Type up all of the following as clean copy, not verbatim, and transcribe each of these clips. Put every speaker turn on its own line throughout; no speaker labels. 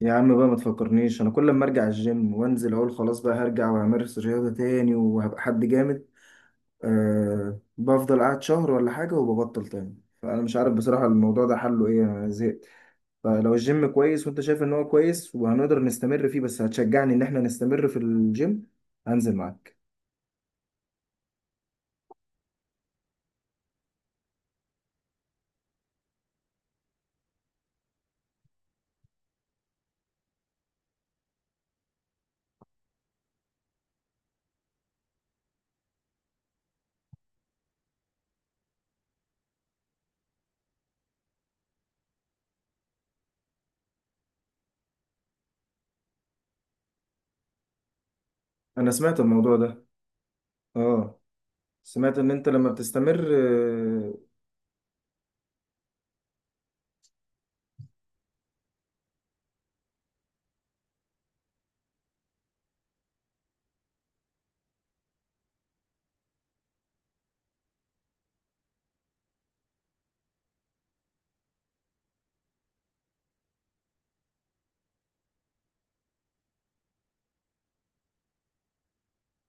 يا عم بقى ما تفكرنيش انا كل ما ارجع الجيم وانزل اقول خلاص بقى هرجع وامارس رياضة تاني وهبقى حد جامد. أه، بفضل قاعد شهر ولا حاجة وببطل تاني. فانا مش عارف بصراحة الموضوع ده حله ايه، انا زهقت. فلو الجيم كويس وانت شايف ان هو كويس وهنقدر نستمر فيه، بس هتشجعني ان احنا نستمر في الجيم هنزل معاك. انا سمعت الموضوع ده. اه، سمعت ان انت لما بتستمر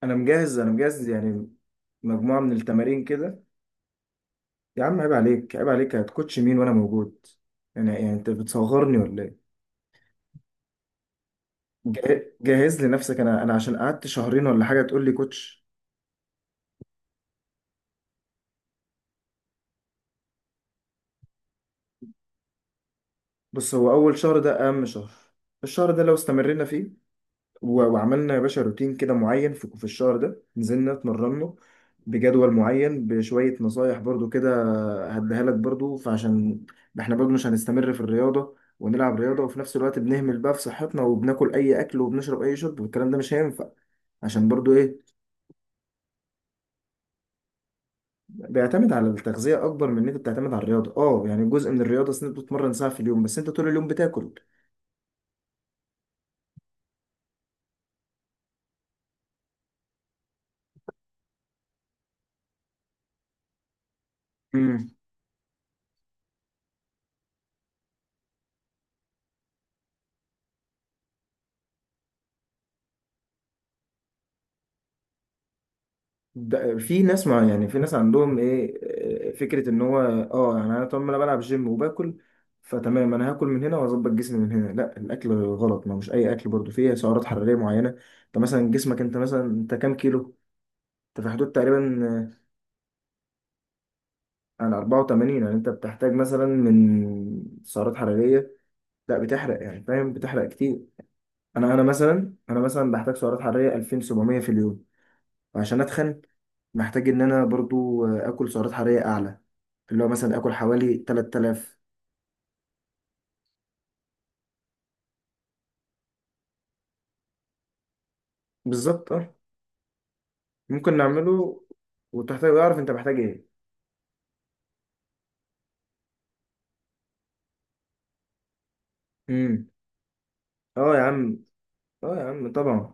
انا مجهز، انا مجهز. مجموعة من التمارين كده. يا عم عيب عليك، عيب عليك، هتكوتش مين وانا موجود؟ يعني انت بتصغرني ولا ايه؟ جهز لي نفسك، انا عشان قعدت شهرين ولا حاجه تقول لي كوتش. بص هو اول شهر ده اهم شهر، الشهر ده لو استمرينا فيه وعملنا يا باشا روتين كده معين في الشهر ده، نزلنا اتمرنا بجدول معين بشويه نصايح برضو كده هديها لك برضو. فعشان احنا برضو مش هنستمر في الرياضه ونلعب رياضه وفي نفس الوقت بنهمل بقى في صحتنا وبناكل اي اكل وبنشرب اي شرب، والكلام ده مش هينفع. عشان برضو ايه، بيعتمد على التغذية أكبر من إن أنت بتعتمد على الرياضة. أه يعني جزء من الرياضة، أصل أنت بتتمرن ساعة في اليوم بس أنت طول اليوم بتاكل. امم، ده في ناس مع يعني في ناس عندهم إيه، فكرة إن هو أه، يعني أنا طول ما أنا بلعب جيم وباكل فتمام، أنا هاكل من هنا وأظبط جسمي من هنا. لا، الأكل غلط، ما هو مش أي أكل برضه، فيه سعرات حرارية معينة. أنت مثلا جسمك، أنت مثلا أنت كام كيلو؟ أنت في حدود تقريبا عن 84، يعني أنت بتحتاج مثلا من سعرات حرارية، لا بتحرق يعني فاهم، بتحرق كتير. انا مثلا بحتاج سعرات حراريه 2700 في اليوم، وعشان اتخن محتاج ان انا برضو اكل سعرات حراريه اعلى، اللي هو مثلا اكل حوالي 3000. بالظبط اه، ممكن نعمله وتحتاج اعرف انت محتاج ايه. امم، اه يا عم، اه يا عم طبعا.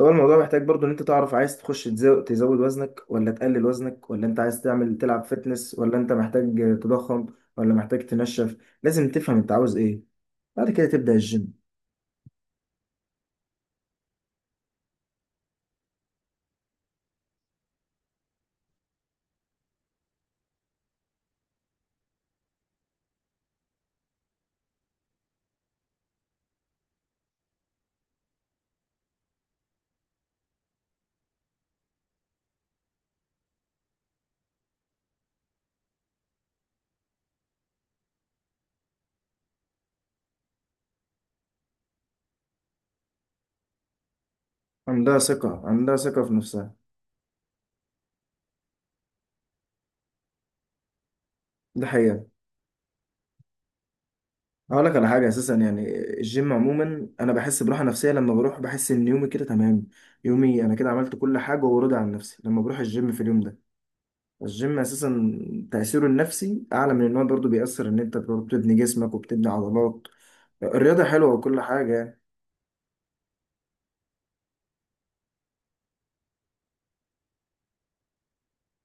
هو الموضوع محتاج برضو ان انت تعرف عايز تخش تزود وزنك ولا تقلل وزنك، ولا انت عايز تعمل تلعب فتنس، ولا انت محتاج تضخم، ولا محتاج تنشف. لازم تفهم انت عاوز ايه بعد كده تبدأ الجيم. عندها ثقة، عندها ثقة في نفسها، ده حقيقة. هقول لك على حاجة أساسا، يعني الجيم عموما أنا بحس براحة نفسية لما بروح، بحس إن يومي كده تمام، يومي أنا كده عملت كل حاجة وراضي عن نفسي لما بروح الجيم في اليوم ده. الجيم أساسا تأثيره النفسي أعلى من إن هو برضه بيأثر إن أنت برضه بتبني جسمك وبتبني عضلات. الرياضة حلوة وكل حاجة يعني.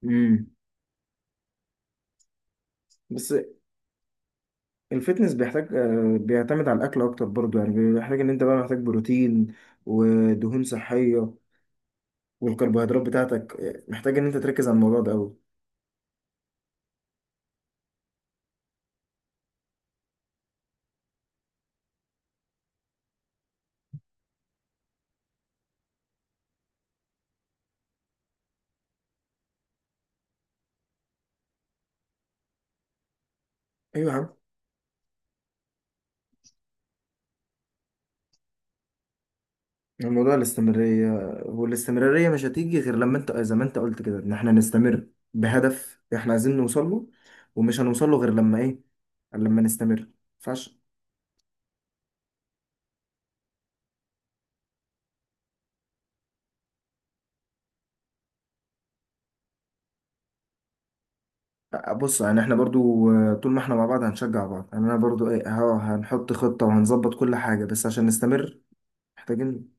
امم، بس الفتنس بيحتاج بيعتمد على الأكل أكتر برضه، يعني بيحتاج إن أنت بقى محتاج بروتين ودهون صحية والكربوهيدرات بتاعتك، محتاج ان انت تركز على الموضوع ده قوي. ايوه يا عم، الموضوع الاستمرارية، والاستمرارية مش هتيجي غير لما انت زي ما انت قلت كده ان احنا نستمر بهدف احنا عايزين نوصل له، ومش هنوصل له غير لما ايه، لما نستمر ما ينفعش. بص يعني احنا برضو طول ما احنا مع بعض هنشجع بعض، يعني انا برضو ايه اهو، هنحط خطة وهنظبط كل حاجة بس عشان نستمر. محتاجين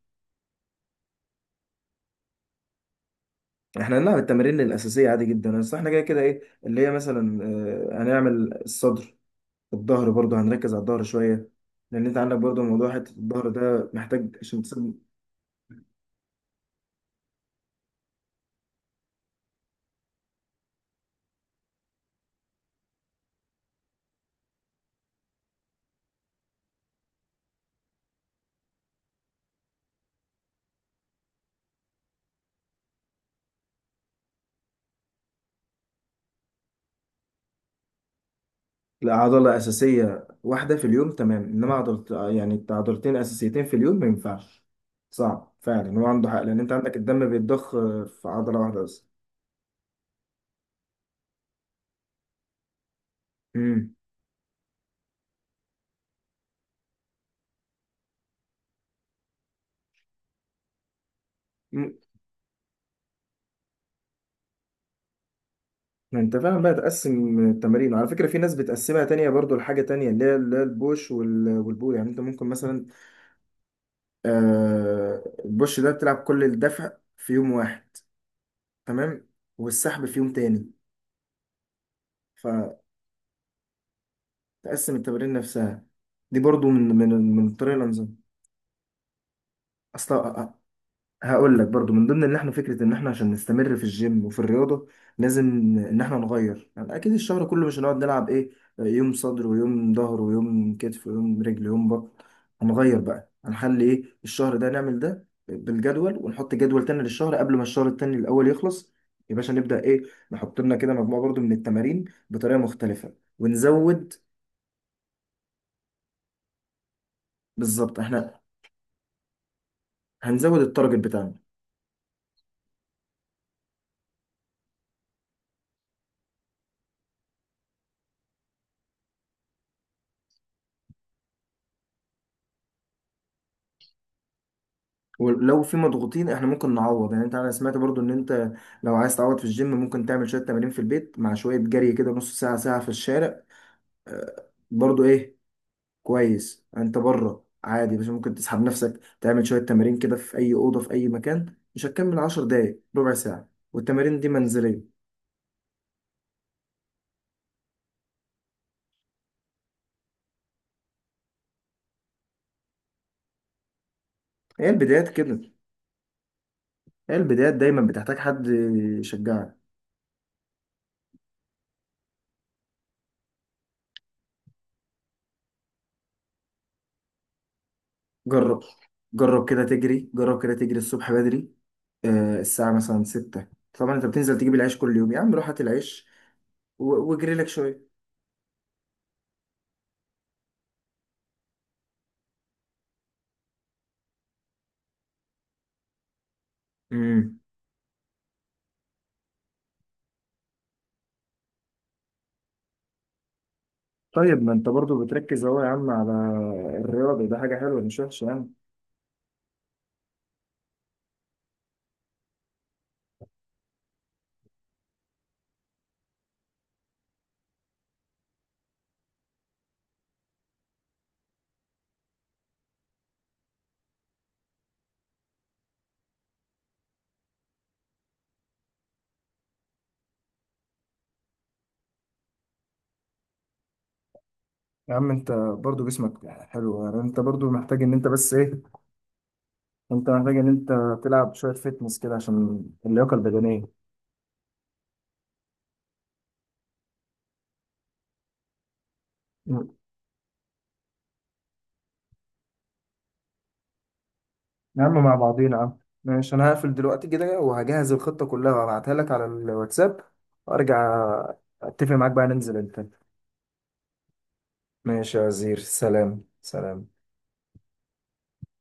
احنا هنلعب التمارين الأساسية عادي جدا، بس احنا كده كده ايه اللي هي مثلا هنعمل الصدر، الظهر برضو هنركز على الظهر شوية لأن أنت عندك برضو موضوع حتة الظهر ده محتاج عشان تصيب. عضلة أساسية واحدة في اليوم تمام، إنما عضلة يعني عضلتين أساسيتين في اليوم ما ينفعش، صعب فعلا هو عنده حق، لأن أنت عندك الدم بيتضخ في عضلة واحدة بس. امم، أمم. ما أنت فعلا بقى تقسم التمارين، وعلى فكرة في ناس بتقسمها تانية برضو لحاجة تانية، اللي هي البوش والبول، يعني أنت ممكن مثلا البوش ده بتلعب كل الدفع في يوم واحد تمام، والسحب في يوم تاني. فتقسم التمارين نفسها، دي برضو من من الطريقه الانظمه اصلا. هقول لك برضو من ضمن ان احنا فكره ان احنا عشان نستمر في الجيم وفي الرياضه لازم ان احنا نغير، يعني اكيد الشهر كله مش هنقعد نلعب ايه، يوم صدر ويوم ظهر ويوم كتف ويوم رجل ويوم بطن. هنغير بقى، هنخلي ايه الشهر ده نعمل ده بالجدول، ونحط جدول تاني للشهر قبل ما الشهر التاني الاول يخلص، يا باشا نبدا ايه، نحط لنا كده مجموعه برضو من التمارين بطريقه مختلفه ونزود. بالظبط، احنا هنزود التارجت بتاعنا. ولو في مضغوطين احنا ممكن نعوض، يعني انت انا سمعت برضو ان انت لو عايز تعوض في الجيم ممكن تعمل شوية تمارين في البيت مع شوية جري كده نص ساعة ساعة في الشارع. برضو ايه كويس، انت بره عادي بس ممكن تسحب نفسك تعمل شوية تمارين كده في اي أوضة في اي مكان، مش هتكمل 10 دقايق ربع ساعة، والتمارين دي منزلية. هي البدايات كده، هي البدايات دايما بتحتاج حد يشجعك. جرب، جرب كده تجري، جرب كده تجري الصبح بدري الساعة مثلا 6. طبعا انت بتنزل تجيب العيش كل يوم يا عم، روح هات العيش واجري لك شوية. امم، طيب ما انت برضو بتركز اهو يا عم على الرياضة، ده حاجة حلوة مش وحشة يعني. يا عم انت برضو جسمك حلو، يعني انت برضو محتاج ان انت بس ايه، انت محتاج ان انت تلعب شوية فتنس كده عشان اللياقة البدنية. مم. يا عم مع بعضينا يا عم. ماشي، انا هقفل دلوقتي كده وهجهز الخطة كلها وابعتها لك على الواتساب، وارجع اتفق معاك بقى ننزل انت. ماشي يا وزير، سلام سلام.